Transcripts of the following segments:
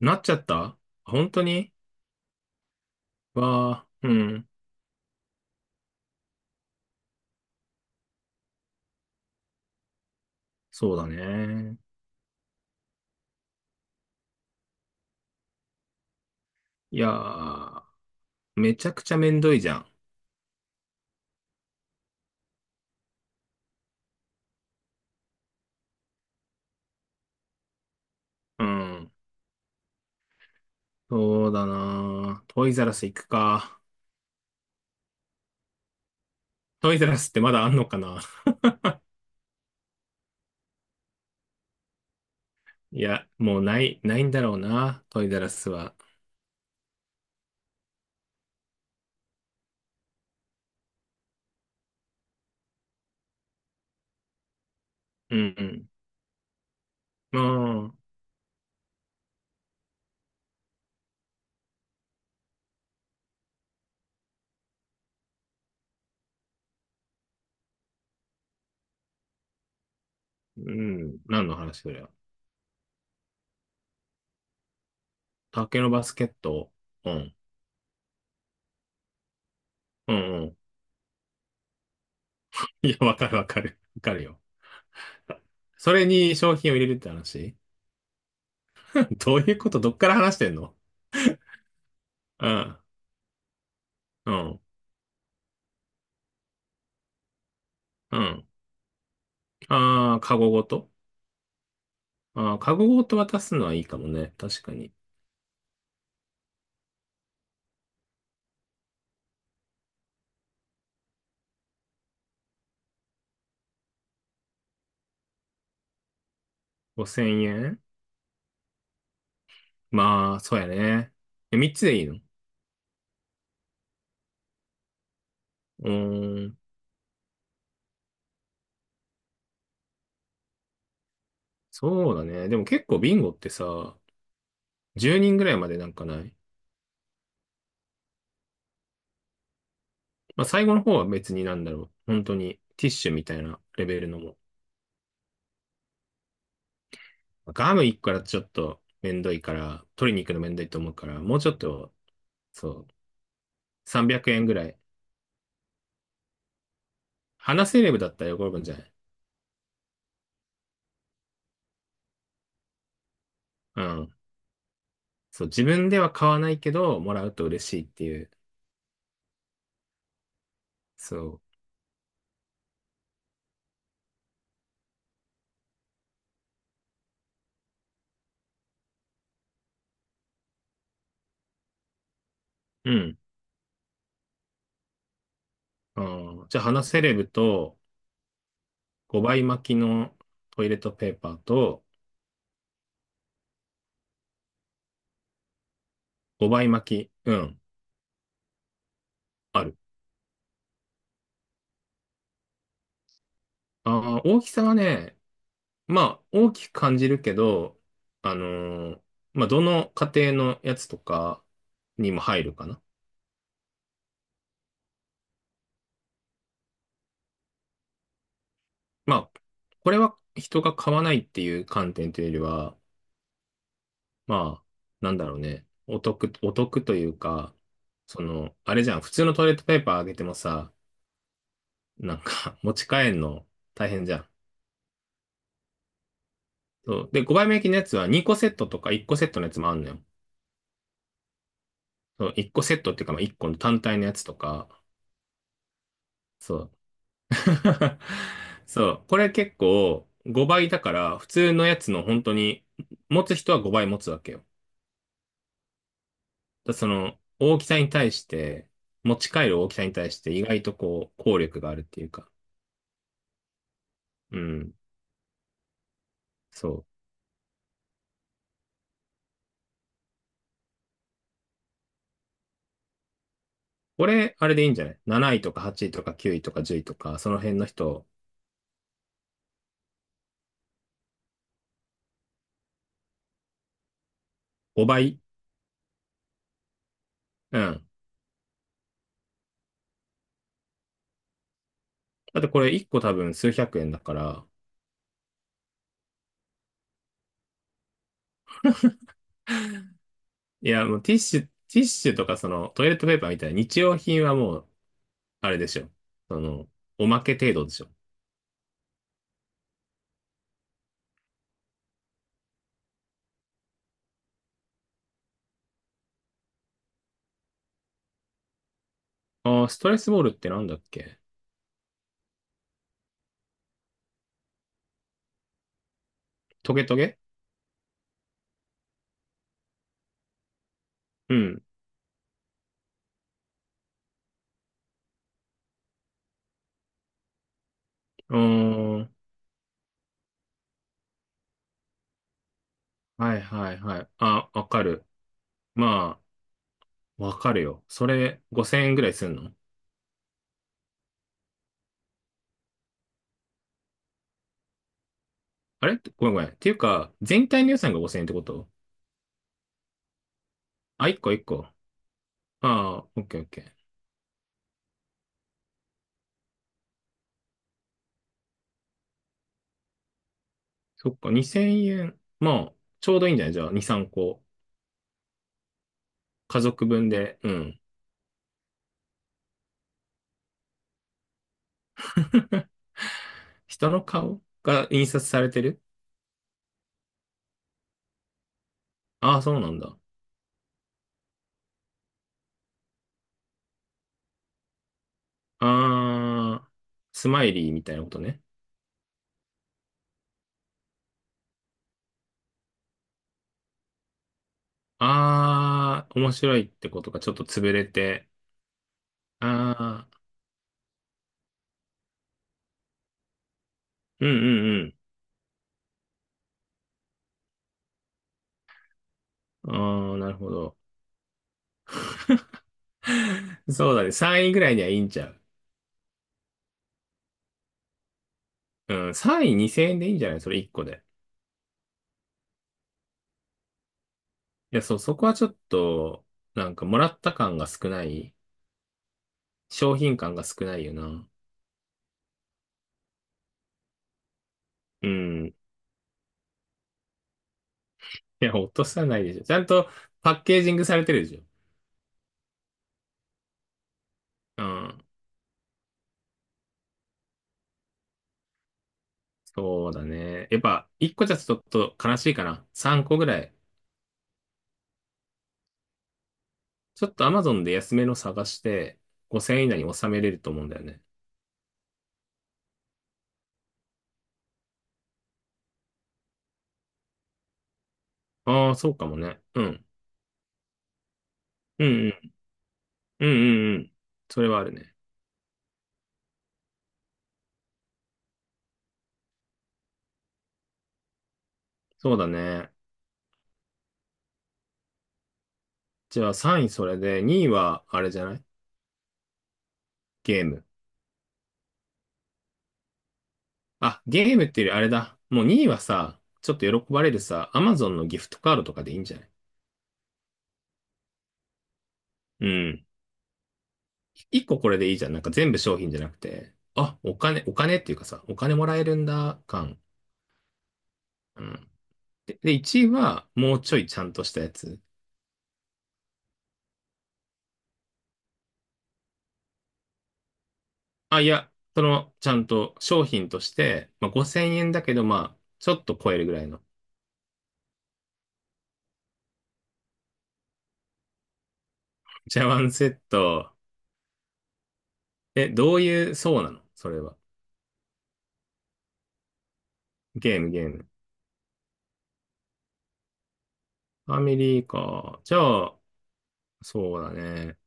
なっちゃった、本当に？わあ、うん。そうだね。いやー、めちゃくちゃめんどいじゃん。うん。そうだな、トイザらス行くか。トイザらスってまだあんのかな？ いや、もうない、ないんだろうな。トイザらスは。うんうん。ああ、うん。何の話そりゃ。竹のバスケット。うん。うんうん。いや、わかるわかる。わかるよ。それに商品を入れるって話？ どういうこと？どっから話してんの？うん。うん。うん。ああ、カゴごと。ああー、カゴごと渡すのはいいかもね。確かに。5000円？まあ、そうやね。え、3つでいいの？うーん。そうだね。でも結構ビンゴってさ、10人ぐらいまでなんかない？まあ、最後の方は別になんだろう。本当にティッシュみたいなレベルのも。ガム1個からちょっとめんどいから、取りに行くのめんどいと思うから、もうちょっと、そう、300円ぐらい。話せレベルだったら喜ぶんじゃない？うん。そう、自分では買わないけど、もらうと嬉しいっていう。そう。うん。あー、じゃあ、花セレブと5倍巻きのトイレットペーパーと。5倍巻き。うん。ある。ああ、大きさはね、まあ、大きく感じるけど、あのーまあ、どの家庭のやつとかにも入るかな。まあ、これは人が買わないっていう観点というよりは、まあ、なんだろうね。お得、お得というか、その、あれじゃん。普通のトイレットペーパーあげてもさ、なんか 持ち帰るの大変じゃん。そう。で、5倍目焼きのやつは2個セットとか1個セットのやつもあんのよ。そう、1個セットっていうか、まあ1個の単体のやつとか、そう。そう。これ結構5倍だから、普通のやつの本当に、持つ人は5倍持つわけよ。だその、大きさに対して、持ち帰る大きさに対して意外とこう、効力があるっていうか。うん。そう。俺、あれでいいんじゃない？ 7 位とか8位とか9位とか10位とか、その辺の人、5倍。うん。だってこれ1個多分数百円だから、いや、もうティッシュとかそのトイレットペーパーみたいな日用品はもう、あれでしょ。その、おまけ程度でしょ。ああ、ストレスボールってなんだっけ？トゲトゲ？うん。うーん。はいはいはい。あ、わかる。まあ、わかるよ。それ5000円ぐらいすんの？あれ、ごめんごめん。っていうか、全体の予算が5000円ってこと？あ、1個1個。ああ、オッケーオッケー。そっか、2000円。まあ、ちょうどいいんじゃない？じゃあ、2、3個。家族分で。うん。人の顔が印刷されてる？ああ、そうなんだ。ああ、スマイリーみたいなことね。ああ、面白い、ってことがちょっと潰れて。ああ、うんうんうん。ああ、なるほど。そうだね。3位ぐらいにはいいんちゃう。うん、3位2000円でいいんじゃない？それ1個で。いや、そう、そこはちょっと、なんかもらった感が少ない。商品感が少ないよな。うん。いや、落とさないでしょ。ちゃんとパッケージングされてるでしょ。うん。そうだね。やっぱ、1個じゃちょっと悲しいかな。3個ぐらい。ちょっと Amazon で安めの探して、5000以内に収めれると思うんだよね。ああ、そうかもね。うん。うんうん。うんうんうん。それはあるね。そうだね。じゃあ3位それで、2位はあれじゃない？ゲーム。あ、ゲームっていうよりあれだ。もう2位はさ、ちょっと喜ばれるさ、Amazon のギフトカードとかでいいんじゃない？うん。一個これでいいじゃん。なんか全部商品じゃなくて、あ、お金、お金っていうかさ、お金もらえるんだ、感。うん。で、1位は、もうちょいちゃんとしたやつ。あ、いや、その、ちゃんと商品として、まあ、5000円だけど、まあ、ちょっと超えるぐらいの。茶碗セット？え、どういう、そうなのそれは。ゲーム、ゲーム。ファミリーか。じゃあ、そうだね。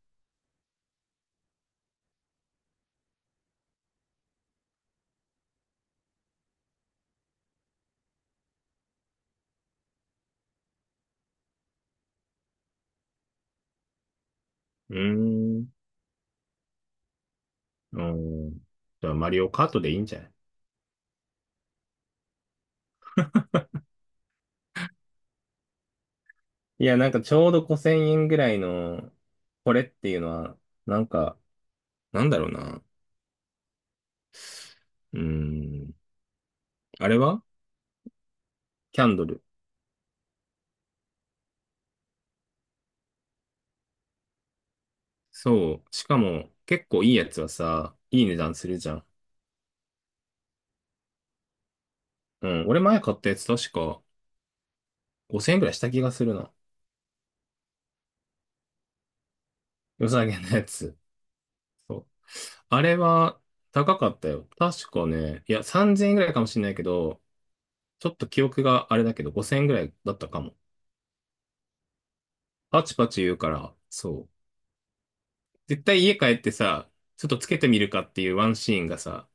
うーん。うん。じゃあ、マリオカートでいいんじゃない？いや、なんかちょうど5000円ぐらいの、これっていうのは、なんか、なんだろうな。うーん。あれはキャンドル。そう。しかも、結構いいやつはさ、いい値段するじゃん。うん。俺前買ったやつ確か5000円ぐらいした気がするな。良さげなやつ。そう。あれは高かったよ。確かね、いや、3000円ぐらいかもしれないけど、ちょっと記憶があれだけど、5000円ぐらいだったかも。パチパチ言うから、そう。絶対家帰ってさ、ちょっとつけてみるかっていうワンシーンがさ、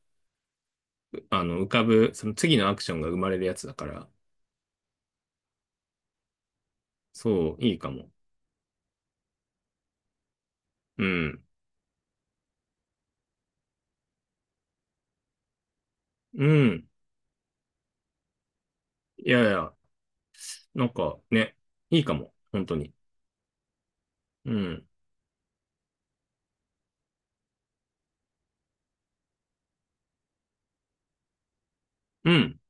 うあの、浮かぶ、その次のアクションが生まれるやつだから、そう、いいかも。うん。うん。いやいや、なんかね、いいかも。本当に。うん。うん。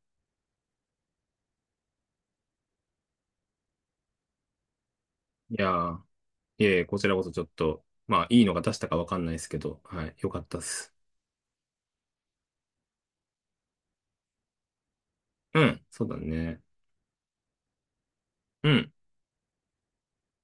いやー、いえいえ、こちらこそちょっと、まあ、いいのが出したかわかんないですけど、はい、よかったっす。うん、そうだね。うん。